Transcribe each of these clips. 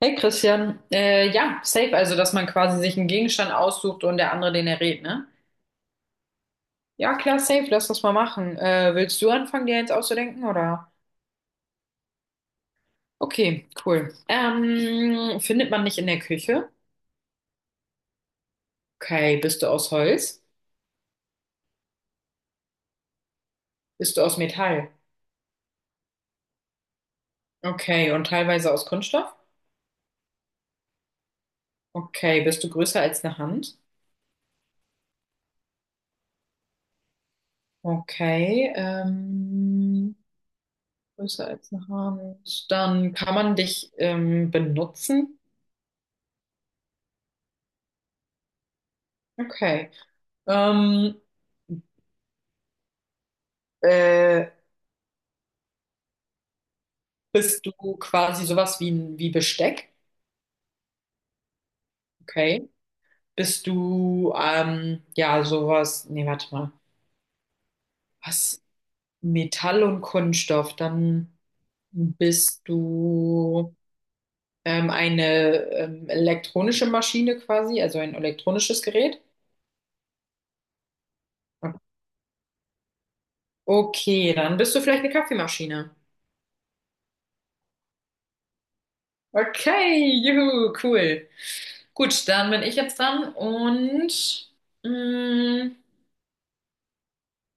Hey Christian, ja, safe, also dass man quasi sich einen Gegenstand aussucht und der andere den errät, ne? Ja, klar, safe, lass das mal machen. Willst du anfangen, dir eins auszudenken, oder? Okay, cool. Findet man nicht in der Küche? Okay, bist du aus Holz? Bist du aus Metall? Okay, und teilweise aus Kunststoff? Okay, bist du größer als eine Hand? Okay, größer als eine Hand. Dann kann man dich benutzen? Okay. Ähm, äh, Bist du quasi sowas wie, wie Besteck? Okay. Bist du, ja, sowas, nee, warte mal. Was? Metall und Kunststoff. Dann bist du eine elektronische Maschine quasi, also ein elektronisches Gerät. Okay, dann bist du vielleicht eine Kaffeemaschine. Okay, juhu, cool. Gut, dann bin ich jetzt dran und mh,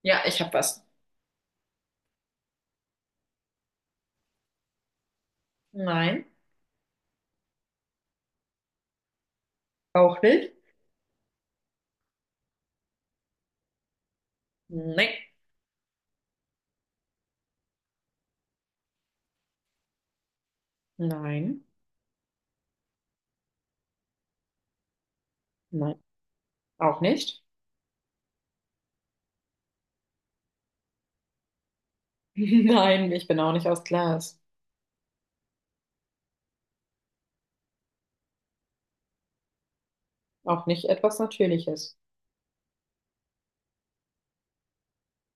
ja, ich habe was. Nein, auch nicht. Nein, nein, nein, auch nicht. Nein, ich bin auch nicht aus Glas. Auch nicht etwas Natürliches.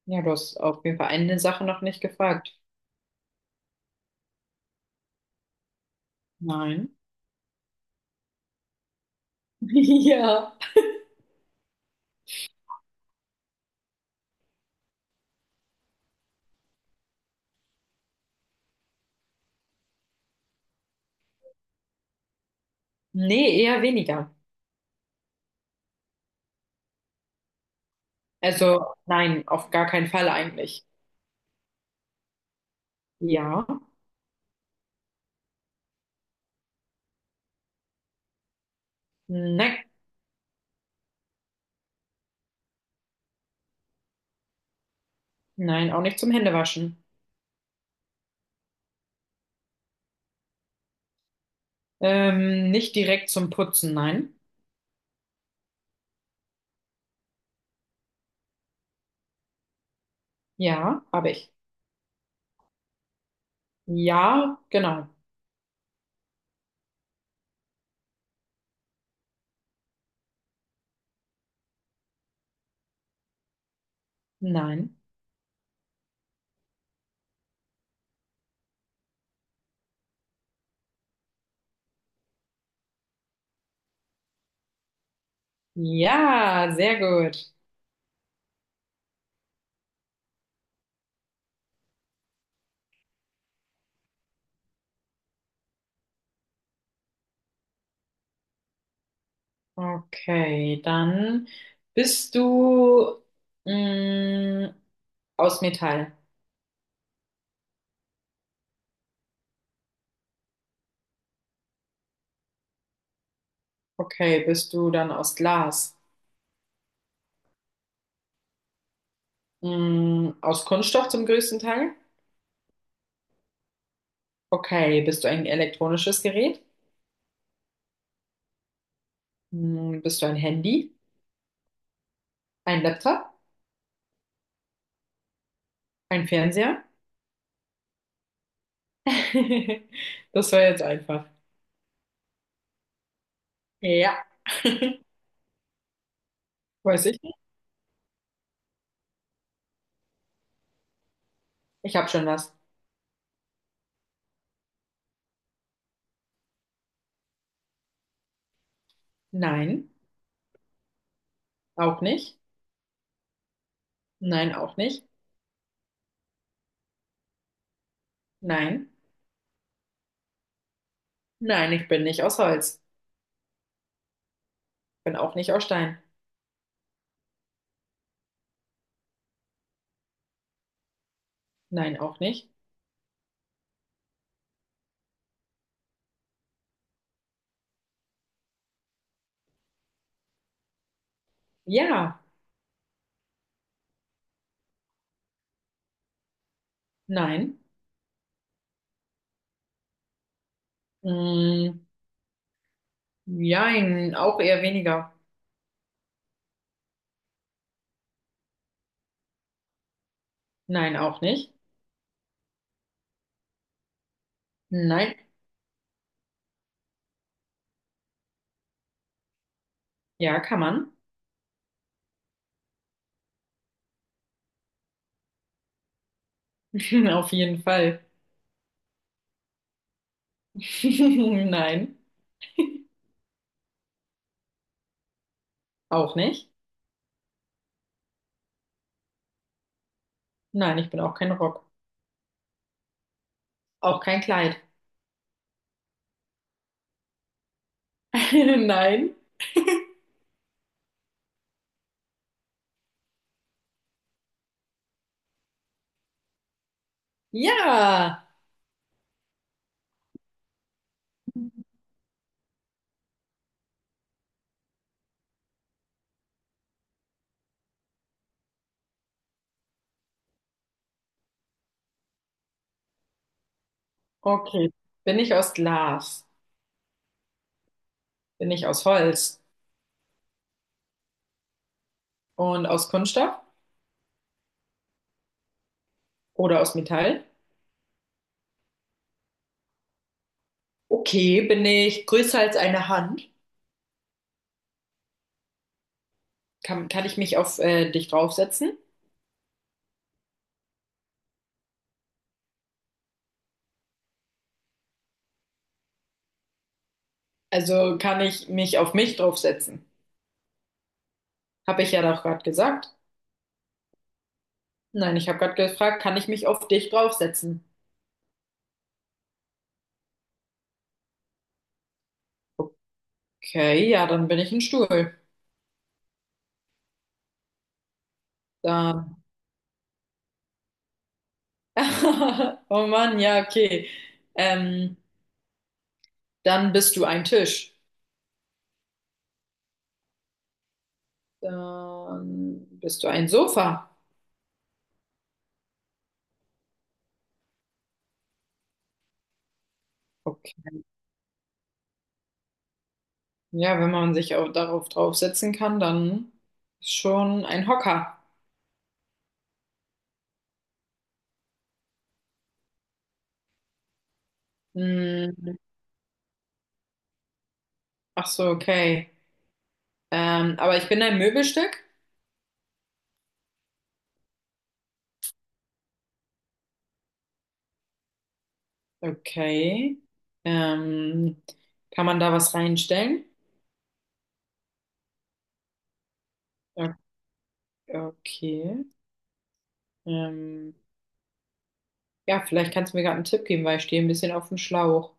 Ja, du hast auf jeden Fall eine Sache noch nicht gefragt. Nein. Ja. Nee, eher weniger. Also nein, auf gar keinen Fall eigentlich. Ja. Nein, nein, auch nicht zum Händewaschen. Nicht direkt zum Putzen, nein. Ja, habe ich. Ja, genau. Nein. Ja, sehr gut. Okay, dann bist du mh, aus Metall. Okay, bist du dann aus Glas? Mh, aus Kunststoff zum größten Teil? Okay, bist du ein elektronisches Gerät? Mh, bist du ein Handy? Ein Laptop? Ein Fernseher? Das war jetzt einfach. Ja, weiß ich nicht. Ich habe schon was. Nein, auch nicht. Nein, auch nicht. Nein, nein, ich bin nicht aus Holz. Bin auch nicht aus Stein. Nein, auch nicht. Ja, nein. Mm, jein, auch eher weniger. Nein, auch nicht. Nein, ja, kann man. Auf jeden Fall. Nein, auch nicht. Nein, ich bin auch kein Rock. Auch kein Kleid. Nein. Ja. Okay. Bin ich aus Glas? Bin ich aus Holz? Und aus Kunststoff? Oder aus Metall? Okay, bin ich größer als eine Hand? Kann ich mich auf dich draufsetzen? Also kann ich mich auf mich draufsetzen? Habe ich ja doch gerade gesagt. Nein, ich habe gerade gefragt, kann ich mich auf dich draufsetzen? Okay, ja, dann bin ich ein Stuhl. Dann. Oh Mann, ja, okay. Ähm, dann bist du ein Tisch. Dann bist du ein Sofa. Okay. Ja, wenn man sich auch darauf draufsetzen kann, dann ist schon ein Hocker. Hm, ach so, okay. Aber ich bin ein Möbelstück. Okay. Ähm, Kann man da was reinstellen? Okay. Ähm, ja, vielleicht kannst du mir gerade einen Tipp geben, weil ich stehe ein bisschen auf dem Schlauch.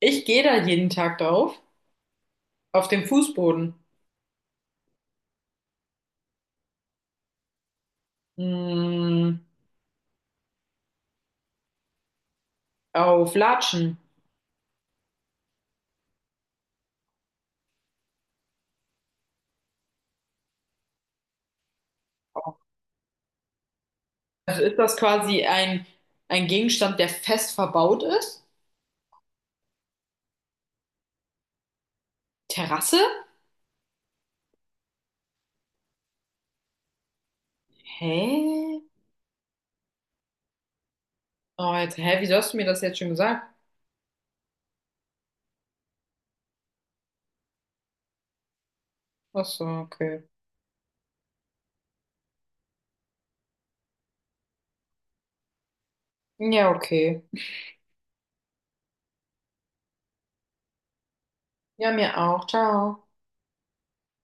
Ich gehe da jeden Tag drauf. Auf dem Fußboden. Hm, auf Latschen. Also ist das quasi ein Gegenstand, der fest verbaut ist? Terrasse? Hä? Oh, jetzt, hä, wieso hast du mir das jetzt schon gesagt? Ach so, okay. Ja, okay. Ja, mir auch. Ciao.